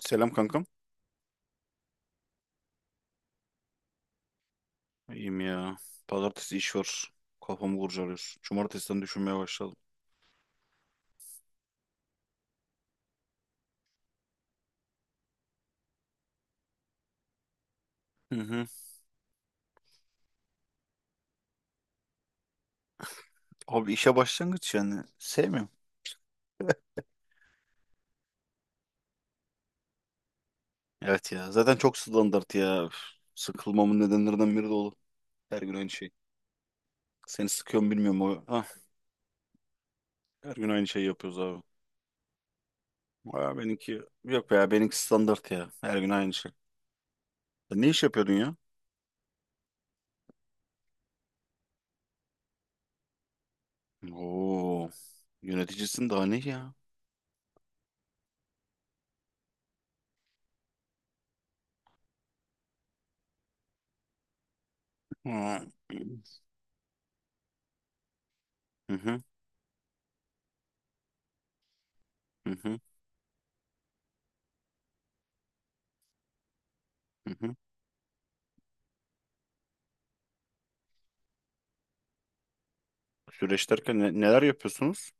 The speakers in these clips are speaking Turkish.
Selam kankam. İyiyim ya. Pazartesi iş var. Kafamı kurcalıyor. Cumartesiden düşünmeye başladım. Hı hı. Abi işe başlangıç yani. Sevmiyorum. Evet ya. Zaten çok standart ya. Üf. Sıkılmamın nedenlerinden biri de o. Her gün aynı şey. Seni sıkıyor mu bilmiyorum o. Hah. Her gün aynı şeyi yapıyoruz abi. Aa, benimki yok ya. Benimki standart ya. Her gün aynı şey. Sen ne iş yapıyordun ya? Oo. Yöneticisin daha ne ya? Ha. Hı hı. Hı hı. Hı hı. Süreç derken neler yapıyorsunuz?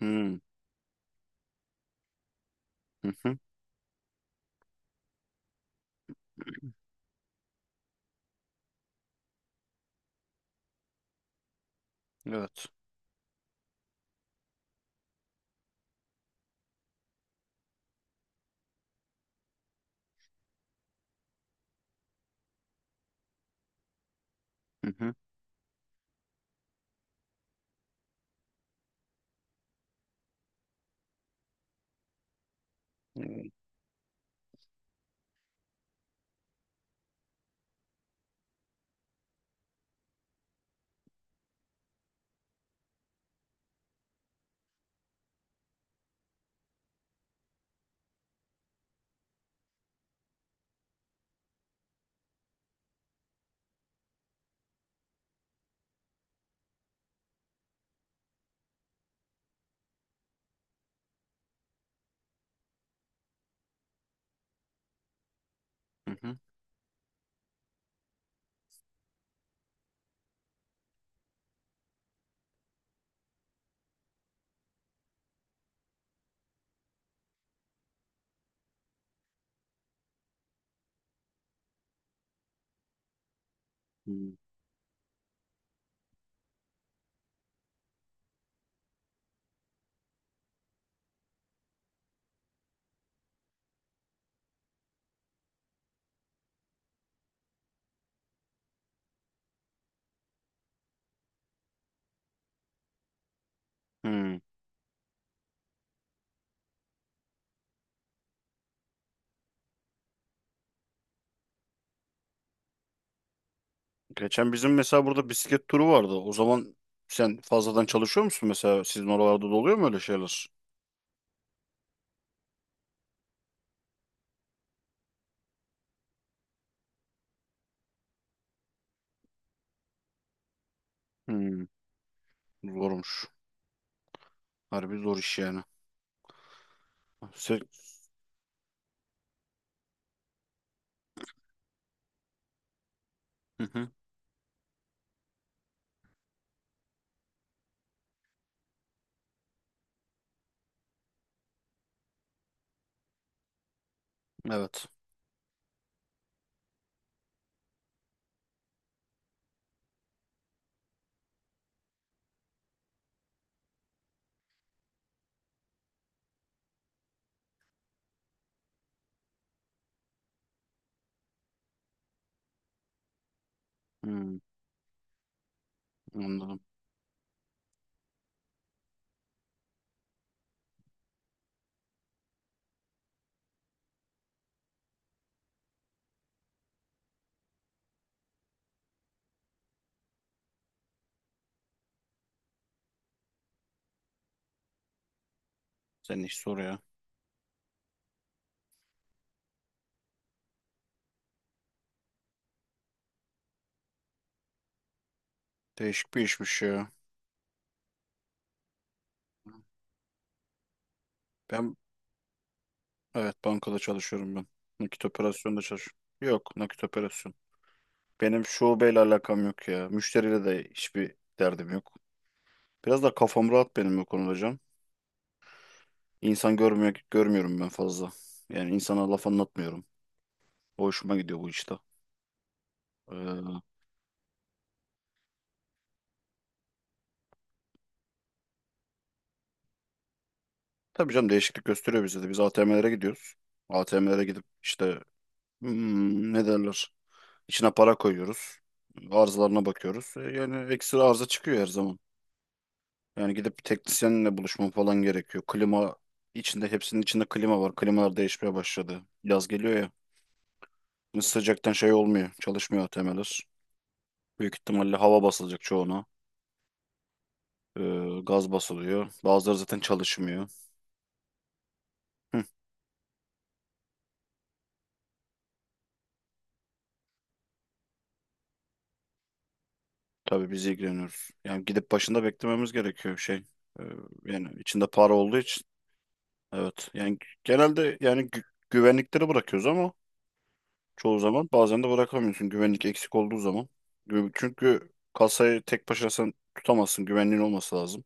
Hı. Hı hı. Evet. Hı hı. Hı hı. Hı. Hı. Geçen bizim mesela burada bisiklet turu vardı. O zaman sen fazladan çalışıyor musun mesela? Sizin oralarda da oluyor mu öyle şeyler? Hı. Zormuş. Harbi zor iş yani. Sen. Hı hı. Evet. Hı. Anladım. Senin iş zor ya. Değişik bir işmiş ya. Ben evet bankada çalışıyorum ben. Nakit operasyonda çalışıyorum. Yok nakit operasyon. Benim şubeyle alakam yok ya. Müşteriyle de hiçbir derdim yok. Biraz da kafam rahat benim bu konuda. İnsan görmüyor, görmüyorum ben fazla. Yani insana laf anlatmıyorum. O hoşuma gidiyor bu işte. Ee, tabii canım değişiklik gösteriyor bize de. Biz ATM'lere gidiyoruz. ATM'lere gidip işte ne derler? İçine para koyuyoruz. Arızalarına bakıyoruz. Yani ekstra arıza çıkıyor her zaman. Yani gidip bir teknisyenle buluşmam falan gerekiyor. Klima içinde hepsinin içinde klima var. Klimalar değişmeye başladı. Yaz geliyor ya. Şimdi sıcaktan şey olmuyor. Çalışmıyor ATM'ler. Büyük ihtimalle hava basılacak çoğuna. Gaz basılıyor. Bazıları zaten çalışmıyor. Hı, tabii biz ilgileniyoruz. Yani gidip başında beklememiz gerekiyor şey. Ee, yani içinde para olduğu için. Evet. Yani genelde yani güvenlikleri bırakıyoruz ama çoğu zaman bazen de bırakamıyorsun güvenlik eksik olduğu zaman. Çünkü kasayı tek başına sen tutamazsın. Güvenliğin olması lazım.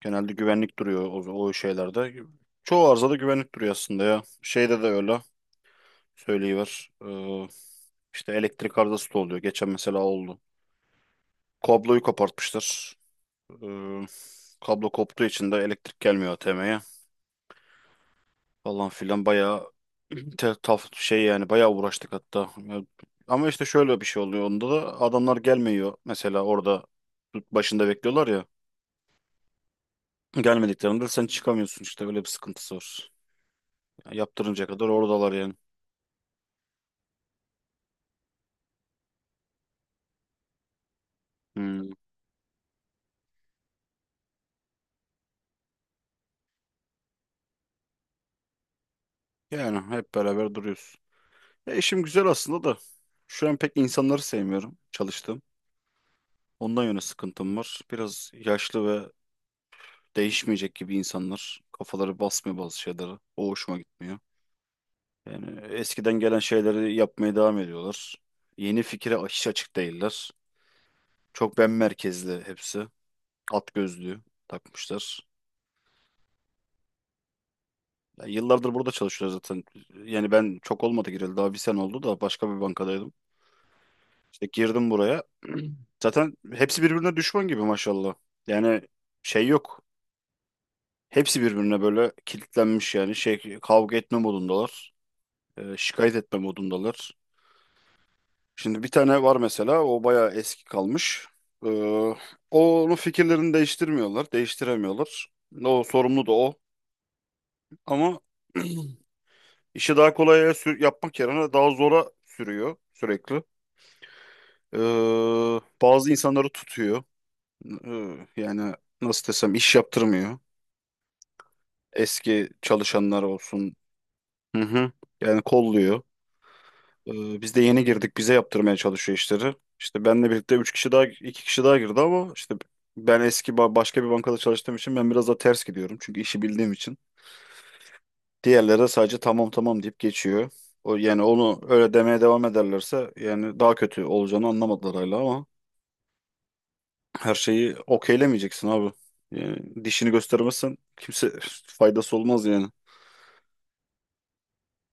Genelde güvenlik duruyor o şeylerde. Çoğu arzada güvenlik duruyor aslında ya. Şeyde de öyle. Söyleyiver. İşte elektrik arızası da oluyor. Geçen mesela oldu. Kabloyu kopartmışlar. Ee, kablo koptuğu için de elektrik gelmiyor ATM'ye falan filan bayağı te- taf şey yani bayağı uğraştık hatta. Ama işte şöyle bir şey oluyor onda da adamlar gelmiyor. Mesela orada başında bekliyorlar ya. Gelmediklerinde sen çıkamıyorsun işte öyle bir sıkıntısı var. Ya yaptırınca kadar oradalar yani. Hmm. Yani hep beraber duruyoruz. E işim güzel aslında da şu an pek insanları sevmiyorum çalıştığım. Ondan yana sıkıntım var. Biraz yaşlı ve değişmeyecek gibi insanlar. Kafaları basmıyor bazı şeylere. O hoşuma gitmiyor. Yani eskiden gelen şeyleri yapmaya devam ediyorlar. Yeni fikre hiç açık değiller. Çok ben merkezli hepsi. At gözlüğü takmışlar. Ya yıllardır burada çalışıyoruz zaten. Yani ben çok olmadı gireli. Daha bir sene oldu da başka bir bankadaydım. İşte girdim buraya. Zaten hepsi birbirine düşman gibi maşallah. Yani şey yok. Hepsi birbirine böyle kilitlenmiş yani şey kavga etme modundalar. Şikayet etme modundalar. Şimdi bir tane var mesela o bayağı eski kalmış. E, onun fikirlerini değiştirmiyorlar, değiştiremiyorlar. O sorumlu da o. Ama işi daha kolaya yapmak yerine daha zora sürüyor sürekli. E, bazı insanları tutuyor. E, yani nasıl desem iş yaptırmıyor. Eski çalışanlar olsun. Hı hı. Yani kolluyor. Biz de yeni girdik. Bize yaptırmaya çalışıyor işleri. İşte benle birlikte 3 kişi daha, 2 kişi daha girdi ama işte ben eski başka bir bankada çalıştığım için ben biraz da ters gidiyorum. Çünkü işi bildiğim için. Diğerleri de sadece tamam tamam deyip geçiyor. O, yani onu öyle demeye devam ederlerse yani daha kötü olacağını anlamadılar hala ama her şeyi okeylemeyeceksin abi. Yani dişini göstermezsen kimse faydası olmaz yani.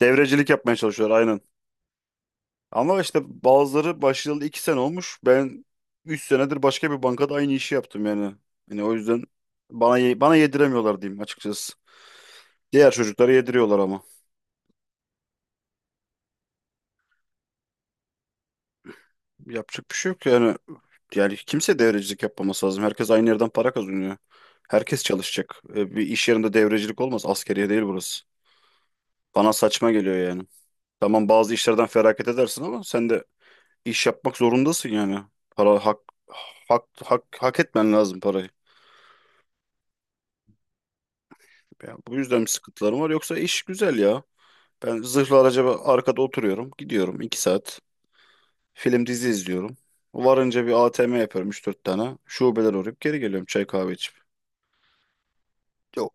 Devrecilik yapmaya çalışıyorlar aynen. Ama işte bazıları başlayalı iki sene olmuş. Ben üç senedir başka bir bankada aynı işi yaptım yani. Yani o yüzden bana yediremiyorlar diyeyim açıkçası. Diğer çocuklara yediriyorlar ama. Yapacak bir şey yok yani. Yani kimse devrecilik yapmaması lazım. Herkes aynı yerden para kazanıyor. Herkes çalışacak. Bir iş yerinde devrecilik olmaz. Askeriye değil burası. Bana saçma geliyor yani. Tamam bazı işlerden feragat edersin ama sen de iş yapmak zorundasın yani. Para hak etmen lazım parayı. Ya bu yüzden bir sıkıntılarım var. Yoksa iş güzel ya. Ben zırhlı araca arkada oturuyorum. Gidiyorum 2 saat. Film dizi izliyorum. Varınca bir ATM yapıyorum üç dört tane. Şubeler uğrayıp geri geliyorum çay kahve içip. Yok.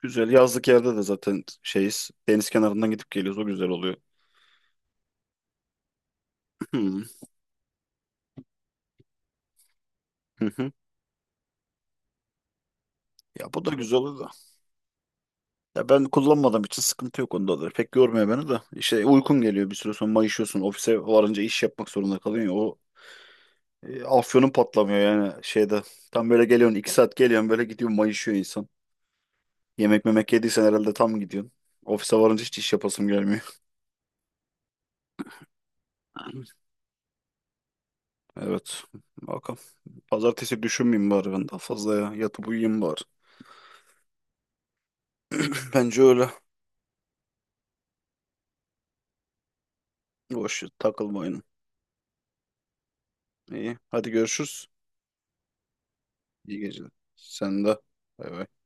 Güzel. Yazlık yerde de zaten şeyiz. Deniz kenarından gidip geliyoruz. O güzel oluyor. Hı hı. Ya bu da güzel olur da. Ya ben kullanmadığım için sıkıntı yok onda da. Pek yormuyor beni de. İşte uykum geliyor bir süre sonra mayışıyorsun. Ofise varınca iş yapmak zorunda kalıyorsun ya. O, afyonun patlamıyor yani şeyde. Tam böyle geliyorsun iki saat geliyorsun böyle gidiyorsun mayışıyor insan. Yemek memek yediysen herhalde tam gidiyorsun. Ofise varınca hiç iş yapasım gelmiyor. Evet. Bakalım. Pazartesi düşünmeyeyim bari ben daha fazla ya. Yatıp uyuyayım bari. Bence öyle. Boş takılma oyunu. İyi. Hadi görüşürüz. İyi geceler. Sen de. Bay bay.